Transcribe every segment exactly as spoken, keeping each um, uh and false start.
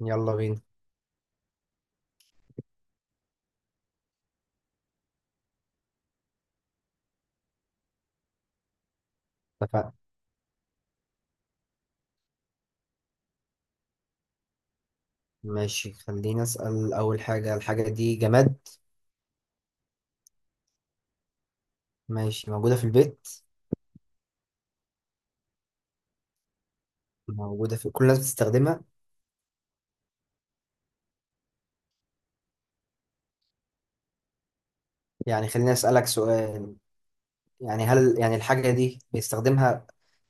يلا بينا. اتفقنا. ماشي، خليني أسأل أول حاجة. الحاجة دي جماد؟ ماشي. موجودة في البيت؟ موجودة في كل الناس بتستخدمها؟ يعني خليني أسألك سؤال. يعني هل يعني الحاجة دي بيستخدمها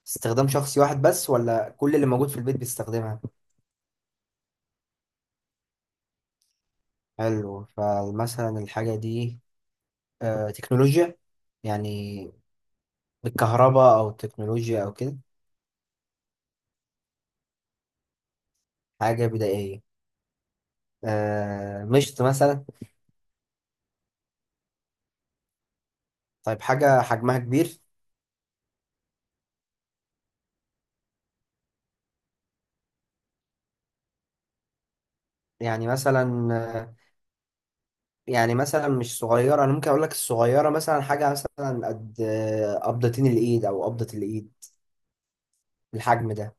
استخدام شخصي واحد بس، ولا كل اللي موجود في البيت بيستخدمها؟ حلو. فمثلا الحاجة دي آه تكنولوجيا، يعني بالكهرباء أو التكنولوجيا أو كده؟ حاجة بدائية. آه مشط مثلا؟ طيب، حاجة حجمها كبير. يعني مثلا، آه، يعني مثلا مش صغيرة. أنا ممكن أقول لك الصغيرة مثلا حاجة مثلا قد قبضتين الإيد أو قبضة الإيد. الحجم ده.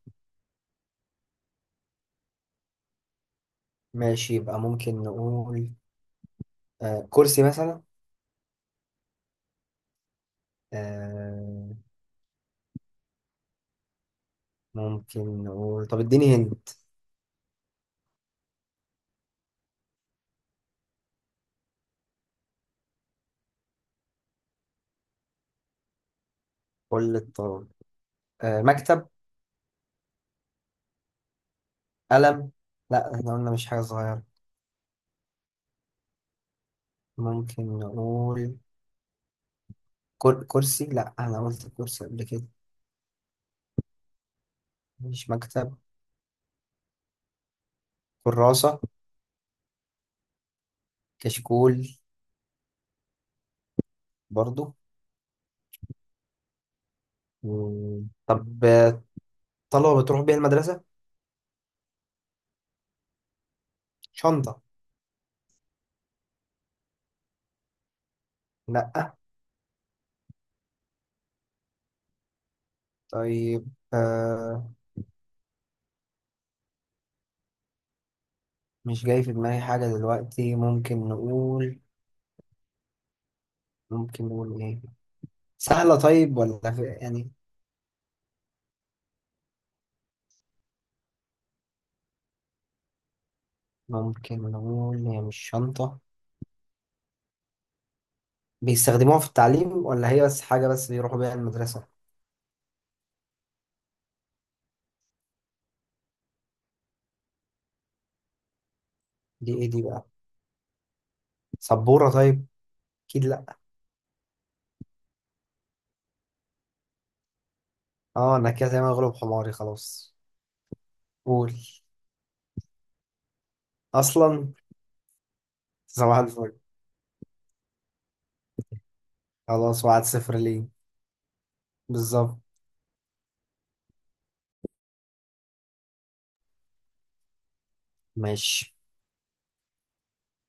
ماشي، يبقى ممكن نقول آه كرسي مثلا؟ آه ممكن نقول، طب اديني هنت. كل الطرق. آه مكتب؟ قلم؟ لا، احنا قلنا مش حاجة صغيرة. ممكن نقول كر... كرسي. لا، أنا قلت كرسي قبل كده. مش مكتب. كراسة؟ كشكول؟ برضو. مم. طب، آه، طلبة بتروح بيها المدرسة؟ شنطة؟ لأ. طيب، آه مش جاي في دماغي حاجة دلوقتي. ممكن نقول، ممكن نقول إيه سهلة، طيب، ولا في يعني؟ ممكن نقول هي مش شنطة. بيستخدموها في التعليم، ولا هي بس حاجة بس بيروحوا بيها المدرسة؟ دي إيه دي بقى؟ سبورة؟ طيب. أكيد لأ. أه، أنا كده زي ما أغلب حماري خلاص. قول، أصلا. صباح الفل. خلاص، واحد صفر ليه. بالظبط. ماشي،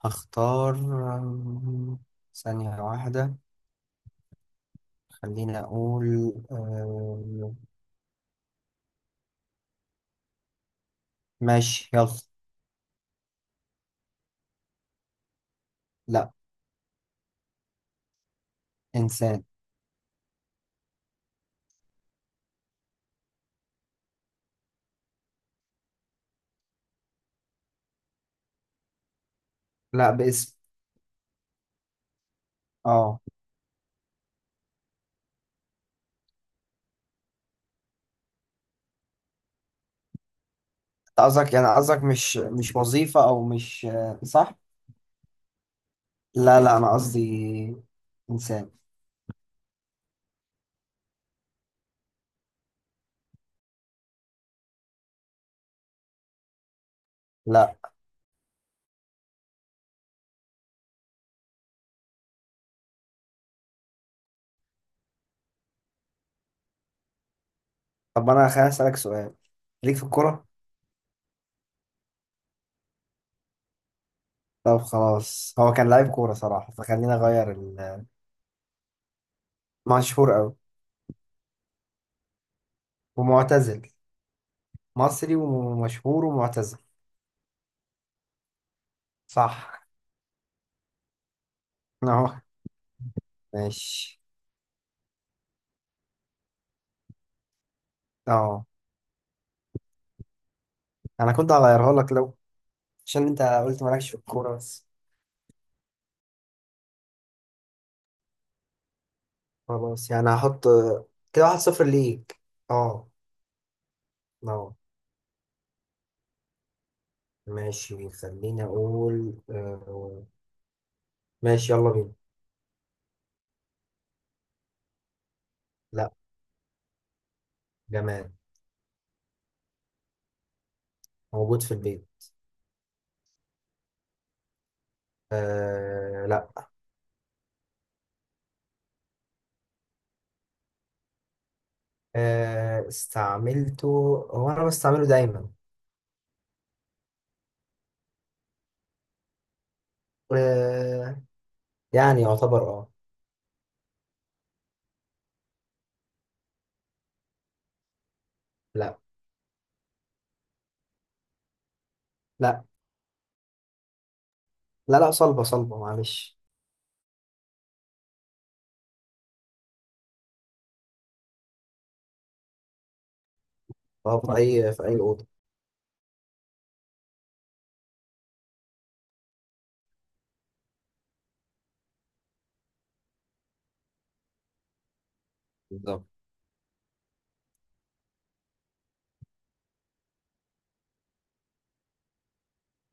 هختار. آم، ثانية واحدة. خليني أقول آه... ماشي يلا. لا. إنسان. لا، باسم. اه. أنت قصدك، يعني قصدك مش مش وظيفة، أو مش آه، صح؟ لا لا، أنا قصدي. إنسان. لا. طب أنا خليني أسألك سؤال. ليك في الكورة؟ طب خلاص، هو كان لعيب كورة صراحة، فخلينا أغير ال... مشهور أوي. ومعتزل. مصري ومشهور ومعتزل. صح. أهو. ماشي. أه، أنا كنت هغيرها لك، لو عشان أنت قلت مالكش في الكورة بس. خلاص يعني هحط كده واحد صفر ليك. اه. اه. ماشي، خليني اقول آه. ماشي يلا بينا. لا. جماد. موجود في البيت. آه لا. آه استعملته. هو انا بستعمله دايما. آه يعني يعتبر. اه. لا. لا لا، لا صلبة صلبة معلش. اه، في اي في اي اوضة. بالظبط.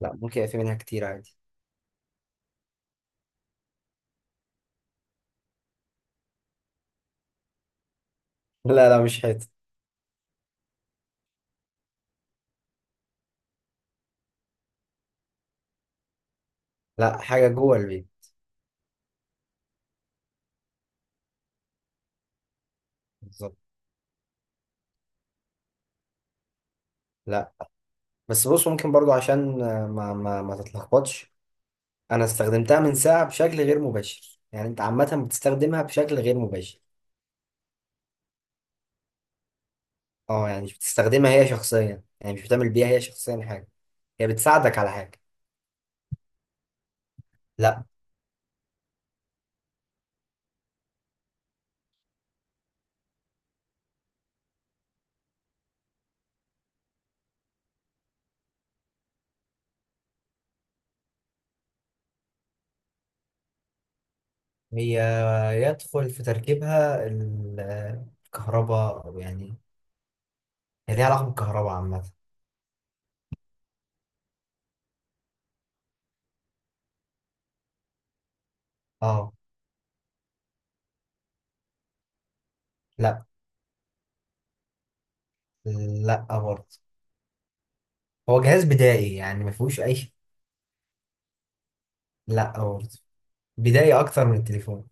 لا، ممكن يبقى في منها كتير عادي. لا لا، مش حته. لا، حاجة جوه البيت. بالظبط. لا، بس بص، ممكن برضو عشان آه، ما ما ما تتلخبطش. انا استخدمتها من ساعة بشكل غير مباشر، يعني انت عامة بتستخدمها بشكل غير مباشر. اه، يعني مش بتستخدمها هي شخصيا، يعني مش بتعمل بيها هي شخصيا حاجة. هي بتساعدك على حاجة. لا. هي، يدخل في تركيبها ال- الكهرباء أو يعني. هي ليها علاقة بالكهرباء عامة. اه. لا لا، برضه. هو جهاز بدائي، يعني ما فيهوش أي شيء. لا برضه. بدائي أكتر من التليفون.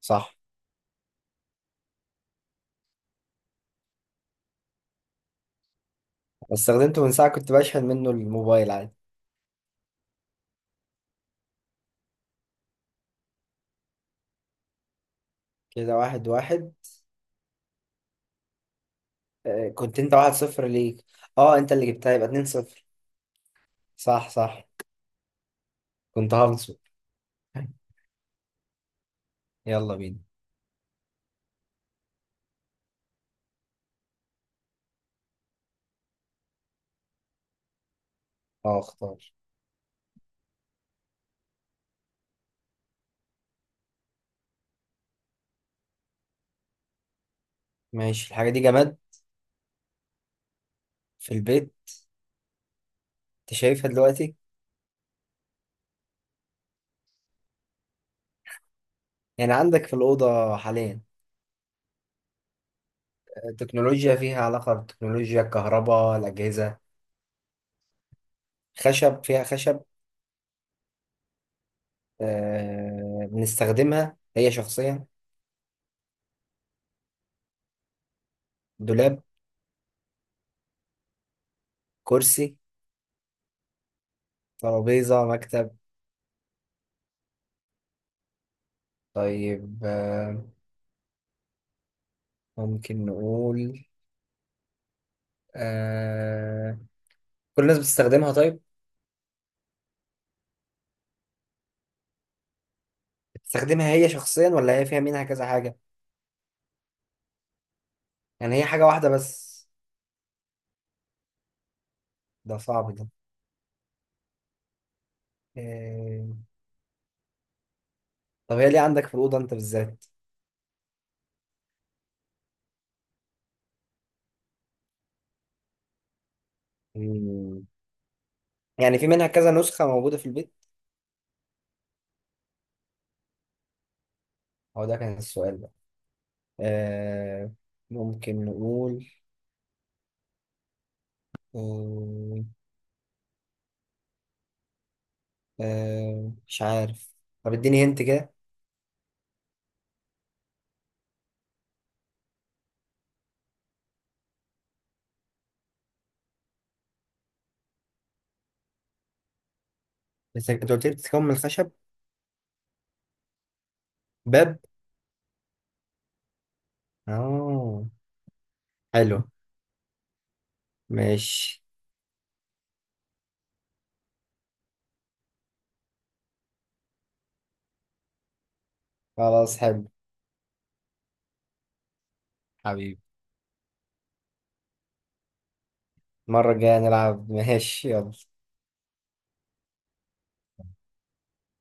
صح. استخدمته من ساعة، كنت بشحن منه الموبايل عادي. كده واحد واحد. آه، كنت انت واحد صفر ليك. اه، انت اللي جبتها يبقى اتنين صفر. صح صح. كنت هنصب. يلا بينا. اه، اختار. ماشي، الحاجة دي جماد. في البيت. انت شايفها دلوقتي؟ يعني عندك في الأوضة حاليا؟ آه، تكنولوجيا، فيها علاقة بالتكنولوجيا، الكهرباء، الأجهزة؟ خشب، فيها خشب؟ آه بنستخدمها هي شخصيا؟ دولاب؟ كرسي؟ ترابيزة؟ مكتب؟ طيب، آه، ممكن نقول آه... كل الناس بتستخدمها. طيب. بتستخدمها هي شخصيا، ولا هي فيها منها كذا حاجة؟ يعني هي حاجة واحدة بس؟ ده صعب ده. آه... طب هي ليه عندك في الأوضة أنت بالذات؟ مم. يعني في منها كذا نسخة موجودة في البيت؟ هو ده كان السؤال ده. آه... ممكن نقول آه... آه... مش عارف. طب اديني هنت كده. بس انت قلت لي بتتكون من الخشب. باب. اه. حلو. ماشي، خلاص. حلو. حبيبي، المرة الجاية نلعب. ماشي يلا.